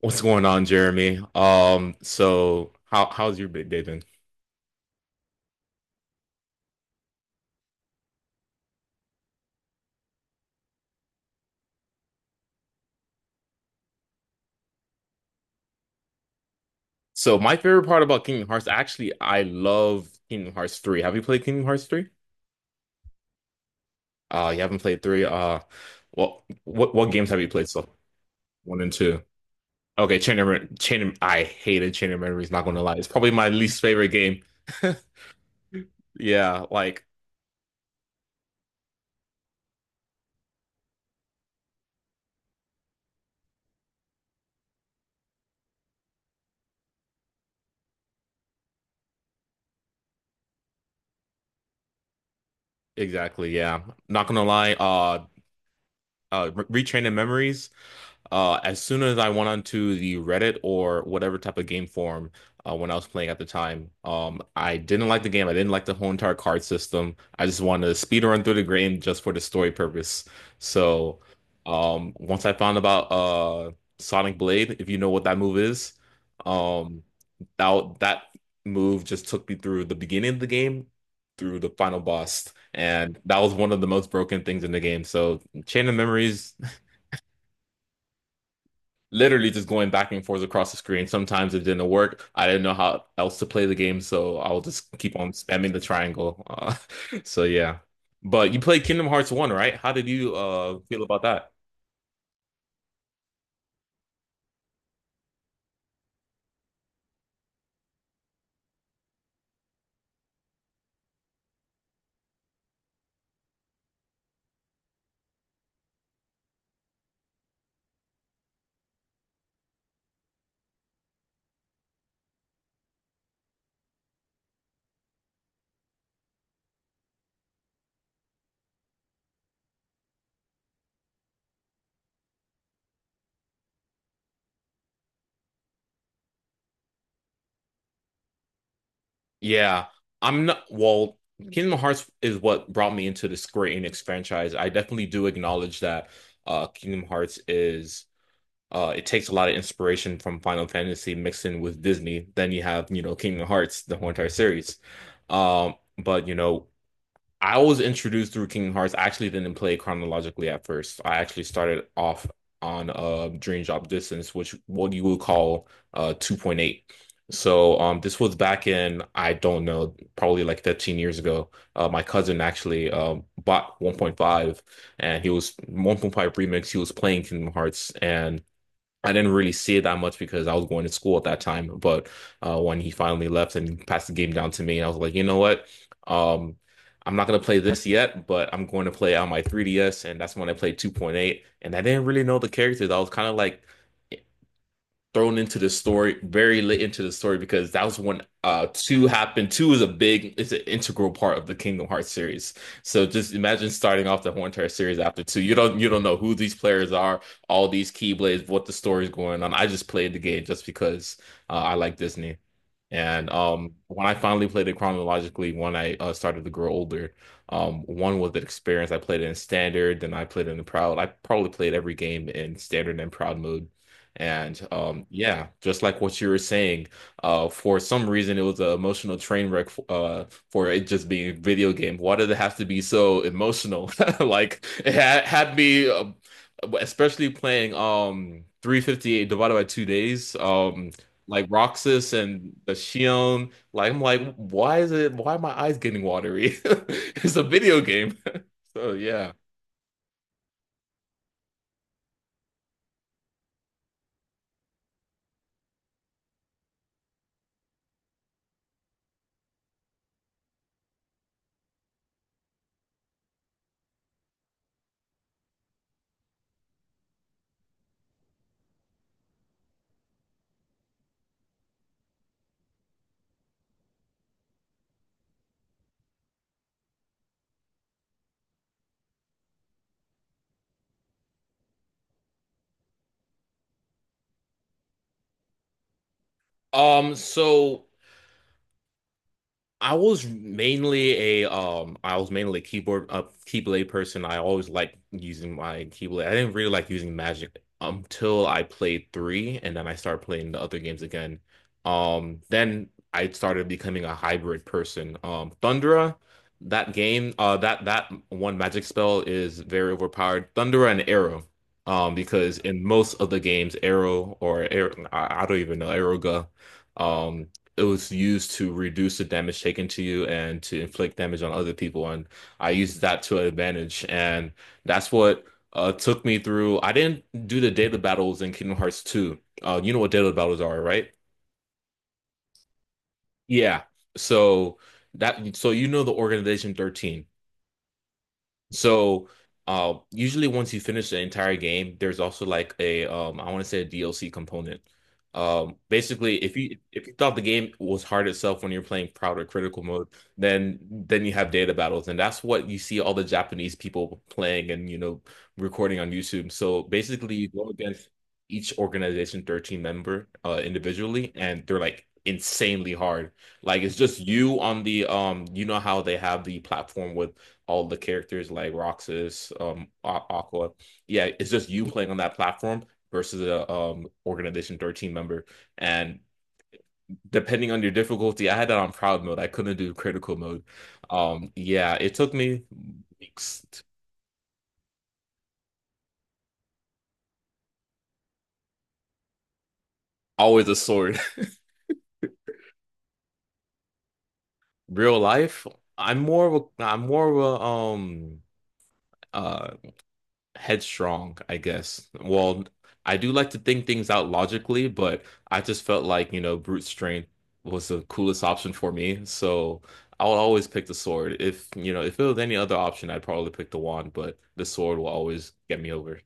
What's going on, Jeremy? So how's your big day been? So my favorite part about Kingdom Hearts, actually, I love Kingdom Hearts 3. Have you played Kingdom Hearts 3? You haven't played 3. Well, what games have you played so? 1 and 2. Okay, Chain of Mem- Chain of- I hated Chain of Memories, not gonna lie. It's probably my least favorite game. Yeah, like exactly, yeah. Not gonna lie. Retraining Memories. As soon as I went onto the Reddit or whatever type of game forum, when I was playing at the time, I didn't like the game. I didn't like the whole entire card system. I just wanted to speed run through the game just for the story purpose. So, once I found about Sonic Blade, if you know what that move is, um, that move just took me through the beginning of the game through the final boss, and that was one of the most broken things in the game. So, Chain of Memories literally just going back and forth across the screen. Sometimes it didn't work. I didn't know how else to play the game, so I'll just keep on spamming the triangle. So yeah. But you played Kingdom Hearts 1, right? How did you feel about that? Yeah. I'm not. Well, Kingdom Hearts is what brought me into the Square Enix franchise. I definitely do acknowledge that Kingdom Hearts is, it takes a lot of inspiration from Final Fantasy mixed in with Disney. Then you have, Kingdom Hearts, the whole entire series. But I was introduced through Kingdom Hearts. I actually didn't play chronologically at first. I actually started off on Dream Drop Distance, which what you would call 2.8. So, this was back in, I don't know, probably like 13 years ago. My cousin actually bought 1.5, and he was 1.5 remix. He was playing Kingdom Hearts, and I didn't really see it that much because I was going to school at that time. But, when he finally left and passed the game down to me, I was like, you know what? Um, I'm not going to play this yet, but I'm going to play on my 3DS. And that's when I played 2.8. And I didn't really know the characters. I was kind of like thrown into the story very late into the story, because that was when two happened. Two is a big it's an integral part of the Kingdom Hearts series. So just imagine starting off the whole entire series after two. You don't know who these players are, all these keyblades, what the story's going on. I just played the game just because I like Disney. And, when I finally played it chronologically, when I started to grow older, one was the experience. I played it in standard, then I played it in proud. I probably played every game in standard and proud mode. And, yeah, just like what you were saying, for some reason it was an emotional train wreck, f for it just being a video game. Why did it have to be so emotional? Like it had me, especially playing 358 divided by 2 days, like Roxas and the Shion. Like I'm like, why is it? Why are my eyes getting watery? It's a video game. So yeah. So I was mainly a keyboard keyblade person. I always liked using my keyblade. I didn't really like using magic until I played three, and then I started playing the other games again. Then I started becoming a hybrid person. Thundera, that game, that one magic spell is very overpowered. Thundera and Arrow. Because in most of the games, Arrow or Arrow, I don't even know, Aeroga. Um, it was used to reduce the damage taken to you and to inflict damage on other people. And I used that to advantage. And that's what took me through. I didn't do the data battles in Kingdom Hearts 2. You know what data battles are, right? Yeah. So that so you know the organization 13. So, usually once you finish the entire game, there's also like a, I want to say, a DLC component. Basically, if you thought the game was hard itself when you're playing proud or critical mode, then you have data battles, and that's what you see all the Japanese people playing and, recording on YouTube. So basically, you go against each organization 13 member, individually, and they're like insanely hard. Like it's just you on the, you know how they have the platform with all the characters like Roxas, Aqua. Yeah, it's just you playing on that platform versus a organization 13 member. And depending on your difficulty, I had that on proud mode. I couldn't do critical mode. Yeah, it took me weeks. Always a sword. Real life, I'm more of a uh headstrong, I guess. Well, I do like to think things out logically, but I just felt like, brute strength was the coolest option for me. So I will always pick the sword. If, you know, if it was any other option, I'd probably pick the wand, but the sword will always get me over.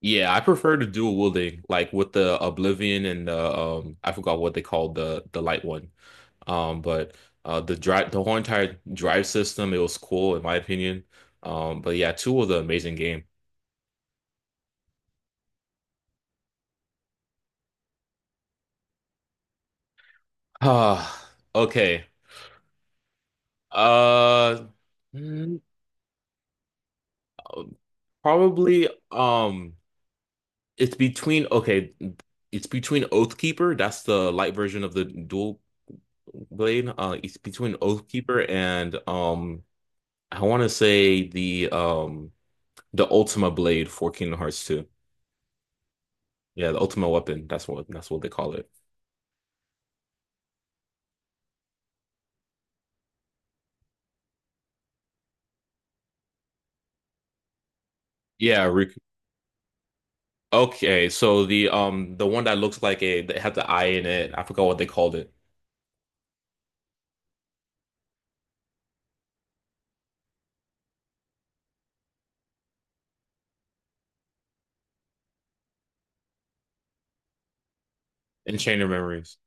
Yeah, I prefer the dual wielding, like with the Oblivion and the, I forgot what they called the light one. But the whole entire drive system, it was cool in my opinion. But yeah, two was an amazing game. Ah, okay. Uh, mm, Probably it's between, okay, it's between Oathkeeper, that's the light version of the dual blade. It's between Oathkeeper and, I want to say, the Ultima blade for Kingdom Hearts 2. Yeah, the Ultima weapon. That's what they call it. Yeah, Riku. Okay, so the one that looks like, a that had the eye in it. I forgot what they called it. In Chain of Memories.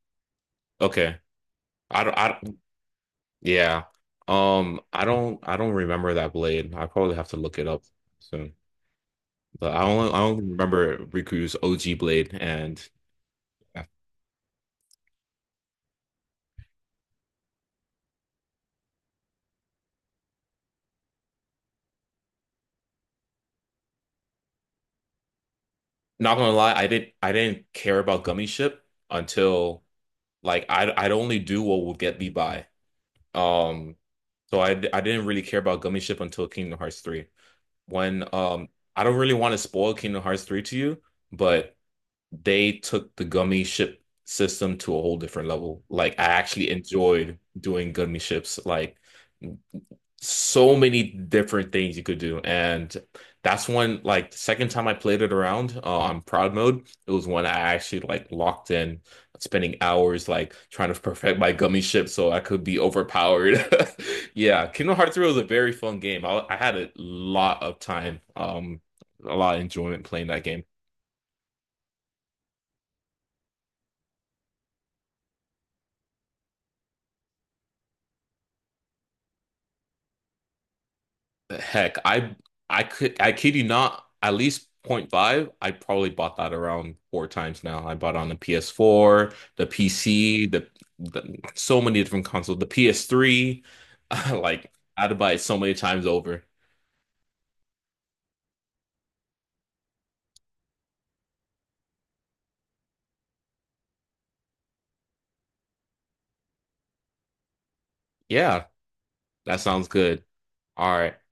Okay. I don't. Yeah. I don't remember that blade. I probably have to look it up soon. But I only remember Riku's OG blade, and not gonna lie, I didn't care about Gummy Ship until, like, I'd only do what would get me by. Um, so I didn't really care about Gummy Ship until Kingdom Hearts 3. When, um, I don't really want to spoil Kingdom Hearts 3 to you, but they took the gummy ship system to a whole different level. Like I actually enjoyed doing gummy ships. Like so many different things you could do. And that's when, like, the second time I played it around, on proud mode, it was when I actually, like, locked in, spending hours like trying to perfect my gummy ship so I could be overpowered. Yeah, Kingdom Hearts 3 was a very fun game. I had a lot of time, a lot of enjoyment playing that game. Heck, I kid you not, at least point five. I probably bought that around four times now. I bought it on the PS4, the PC, the so many different consoles, the PS3. Like I had to buy it so many times over. Yeah, that sounds good. All right.